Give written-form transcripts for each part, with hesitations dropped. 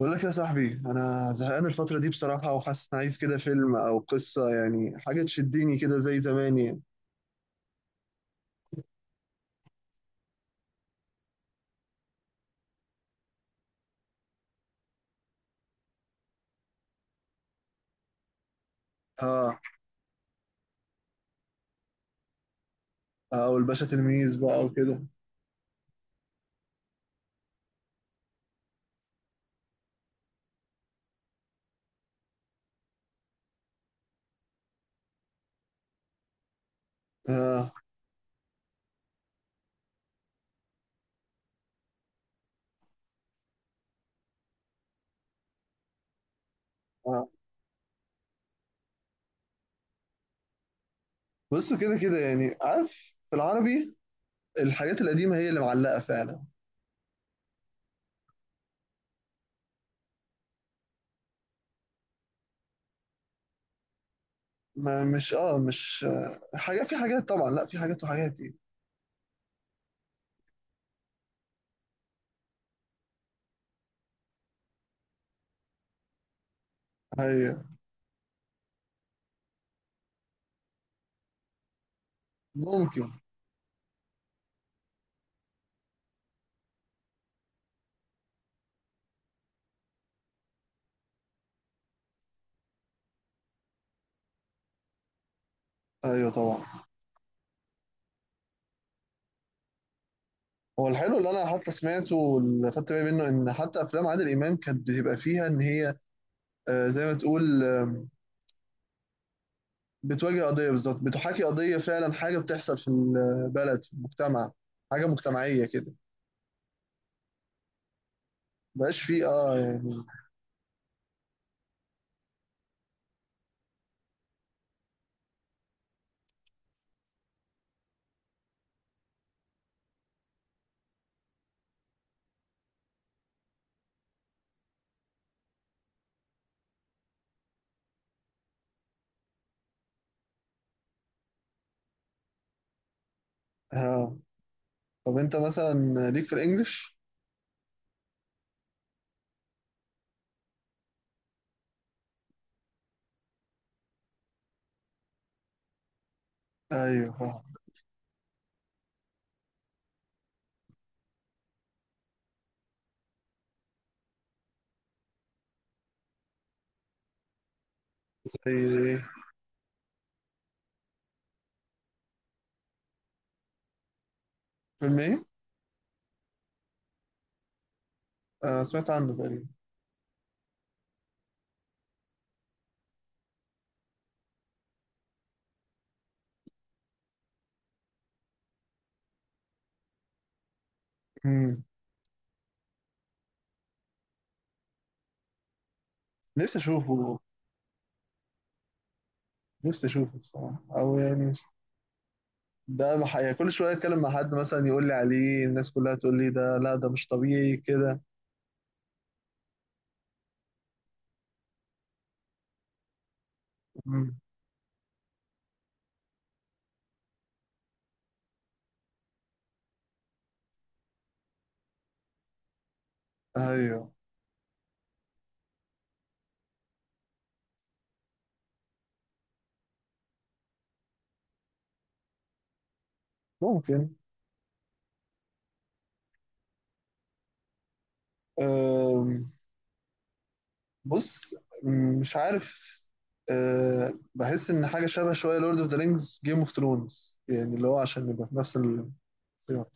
بقول لك يا صاحبي، انا زهقان الفتره دي بصراحه، وحاسس ان عايز كده فيلم او قصه، يعني حاجه تشدني كده زي زمان يعني. اه. او الباشا تلميذ بقى وكده. اه. اه. بصوا، كده كده يعني، عارف، في العربي الحاجات القديمه هي اللي معلقه فعلا. ما مش حاجه، في حاجات طبعا، لا في حاجات وحاجات يعني. ايوه. ممكن. ايوه طبعا. هو الحلو اللي انا حتى سمعته واللي خدت بالي منه ان حتى افلام عادل امام كانت بتبقى فيها ان هي زي ما تقول آه بتواجه قضية بالظبط، بتحاكي قضية فعلا، حاجة بتحصل في البلد في المجتمع، حاجة مجتمعية كده. مبقاش فيه يعني. اه. طب انت مثلا ليك في الانجليش؟ ايوه فاهم. زي ايه؟ فيلم ايه؟ آه، سمعت عنه تقريبا. مم. نفسي اشوفه. نفسي اشوفه بصراحة، او يعني يعني كل شوية اتكلم مع حد مثلا يقول لي عليه، الناس كلها تقول لي ده، لا ده مش طبيعي كده. مم. ايوه ممكن. بص، مش عارف. أه، بحس ان حاجه شبه شويه لورد اوف ذا رينجز جيم اوف ثرونز، يعني اللي هو عشان نبقى في نفس السياق.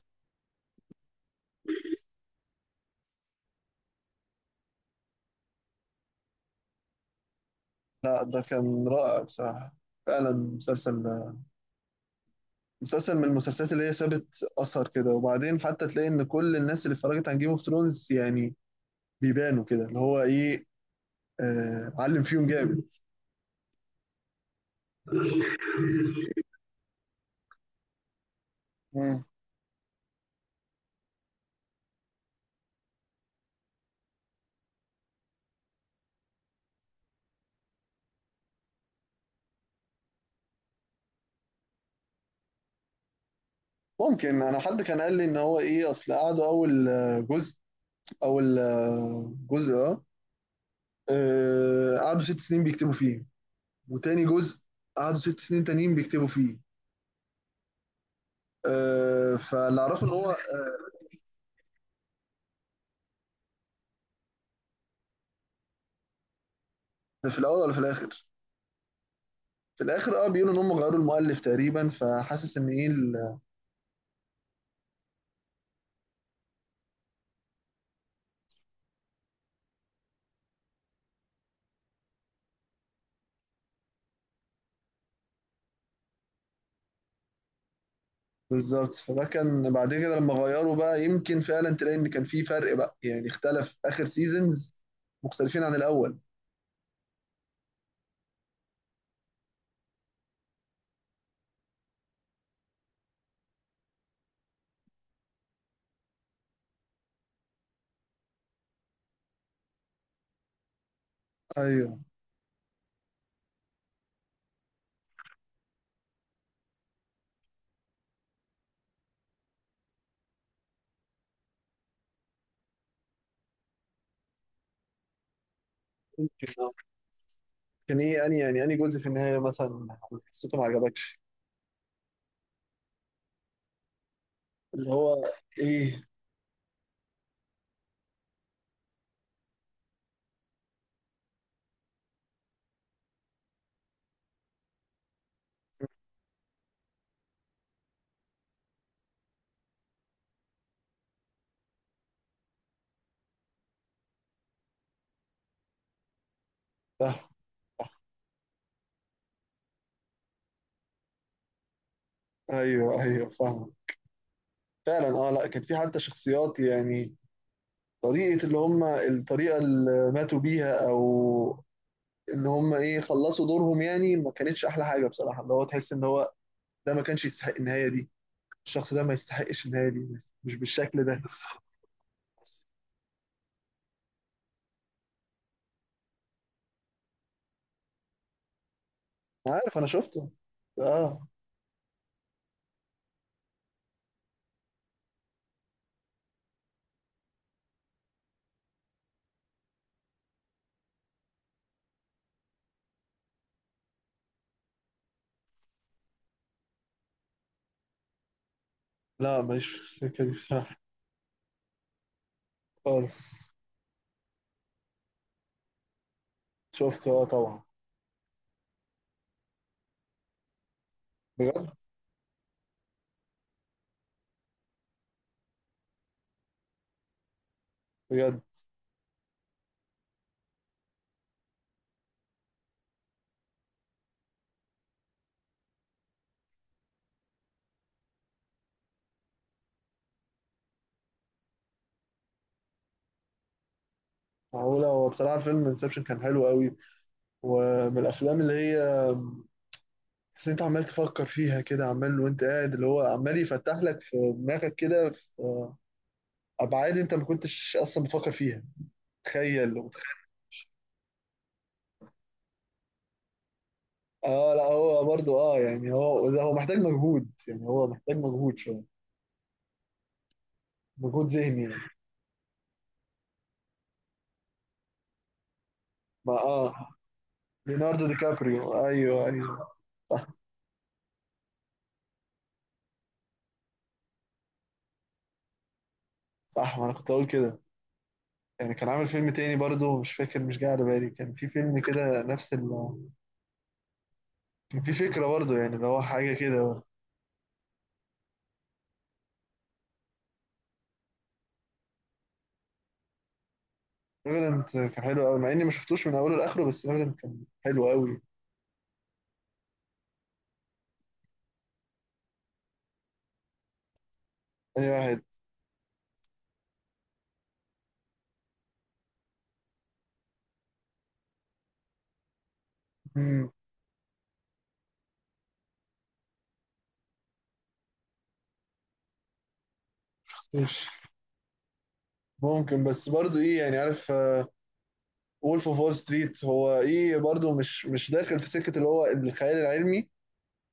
لا ده كان رائع بصراحه، فعلا مسلسل، مسلسل من المسلسلات اللي هي سابت اثر كده، وبعدين حتى تلاقي ان كل الناس اللي اتفرجت عن جيم اوف ثرونز يعني بيبانوا كده، اللي هو ايه، أه علم فيهم جامد. مم. ممكن انا حد كان قال لي ان هو ايه، اصل قعدوا اول جزء، اول جزء، قعدوا 6 سنين بيكتبوا فيه، وتاني جزء قعدوا 6 سنين تانيين بيكتبوا فيه، فاللي اعرفه ان هو ده في الاول ولا في الاخر. في الاخر اه، بيقولوا ان هم غيروا المؤلف تقريبا، فحاسس ان ايه بالظبط. فده كان بعد كده لما غيروا بقى، يمكن فعلا تلاقي ان كان في فرق بقى، يعني اختلف اخر سيزونز مختلفين عن الاول. ايوه. يمكن آه. كان ايه، اني يعني اني جزء في النهايه مثلا حسيته ما عجبكش؟ اللي هو ايه ده؟ ايوه ايوه فاهم، فعلا اه. لا كان في حتى شخصيات يعني، طريقة اللي هم الطريقة اللي ماتوا بيها، او ان هم ايه خلصوا دورهم، يعني ما كانتش احلى حاجة بصراحة، اللي هو تحس ان هو ده ما كانش يستحق النهاية دي، الشخص ده ما يستحقش النهاية دي بس مش بالشكل ده. أنا عارف انا شفته. اه. لا ماليش في السكة دي بصراحة. خالص. شفته اه طبعا. بجد. بجد. معقولة. هو بصراحة الفيلم انسبشن كان حلو قوي، ومن الافلام اللي هي، بس انت عمال تفكر فيها كده عمال وانت قاعد، اللي هو عمال يفتح لك في دماغك كده في ابعاد انت ما كنتش اصلا بتفكر فيها. تخيل اه لا هو برضو اه يعني، هو محتاج مجهود، يعني هو محتاج مجهود شويه، مجهود ذهني يعني. ما اه ليوناردو دي كابريو، ايوه ايوه. صح. صح ما انا كنت اقول كده، يعني كان عامل فيلم تاني برضو مش فاكر، مش جاي على بالي، كان في فيلم كده نفس ال كان في فكره برضو، يعني اللي هو حاجه كده. ايفيدنت كان حلو قوي، مع اني ما شفتوش من اوله لاخره، بس ايفيدنت كان حلو قوي. تاني واحد. مم، ما شفتوش. ممكن، بس برضو ايه، يعني عارف، وولف اوف وول ستريت هو ايه برضو، مش داخل في سكة اللي هو الخيال العلمي،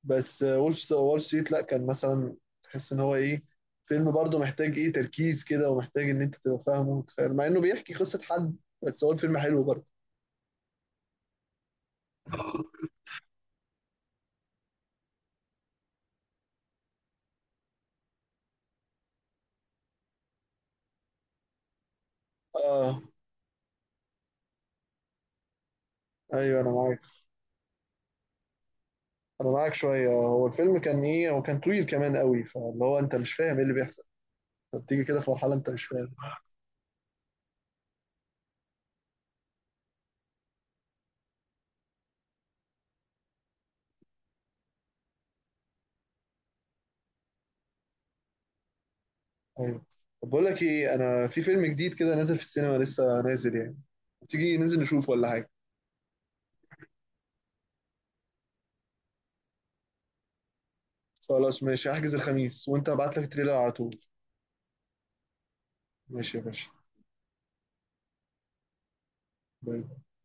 بس وولف اوف وول ستريت لا، كان مثلا تحس ان هو ايه، فيلم برضو محتاج ايه تركيز كده، ومحتاج ان انت تبقى فاهمه وتتخيل، مع انه بيحكي قصة حد، بس هو الفيلم حلو برضو. اه. ايوه انا معاك. انا معاك شويه، هو الفيلم كان ايه، هو كان طويل كمان قوي، فاللي هو انت مش فاهم ايه اللي بيحصل، انت بتيجي كده في مرحله انت مش فاهم. ايوه. طب بقول لك ايه، انا في فيلم جديد كده نازل في السينما، لسه نازل يعني، تيجي ننزل نشوفه ولا حاجه؟ خلاص ماشي، هحجز الخميس وانت هبعت لك التريلر على طول. ماشي يا باشا. باي.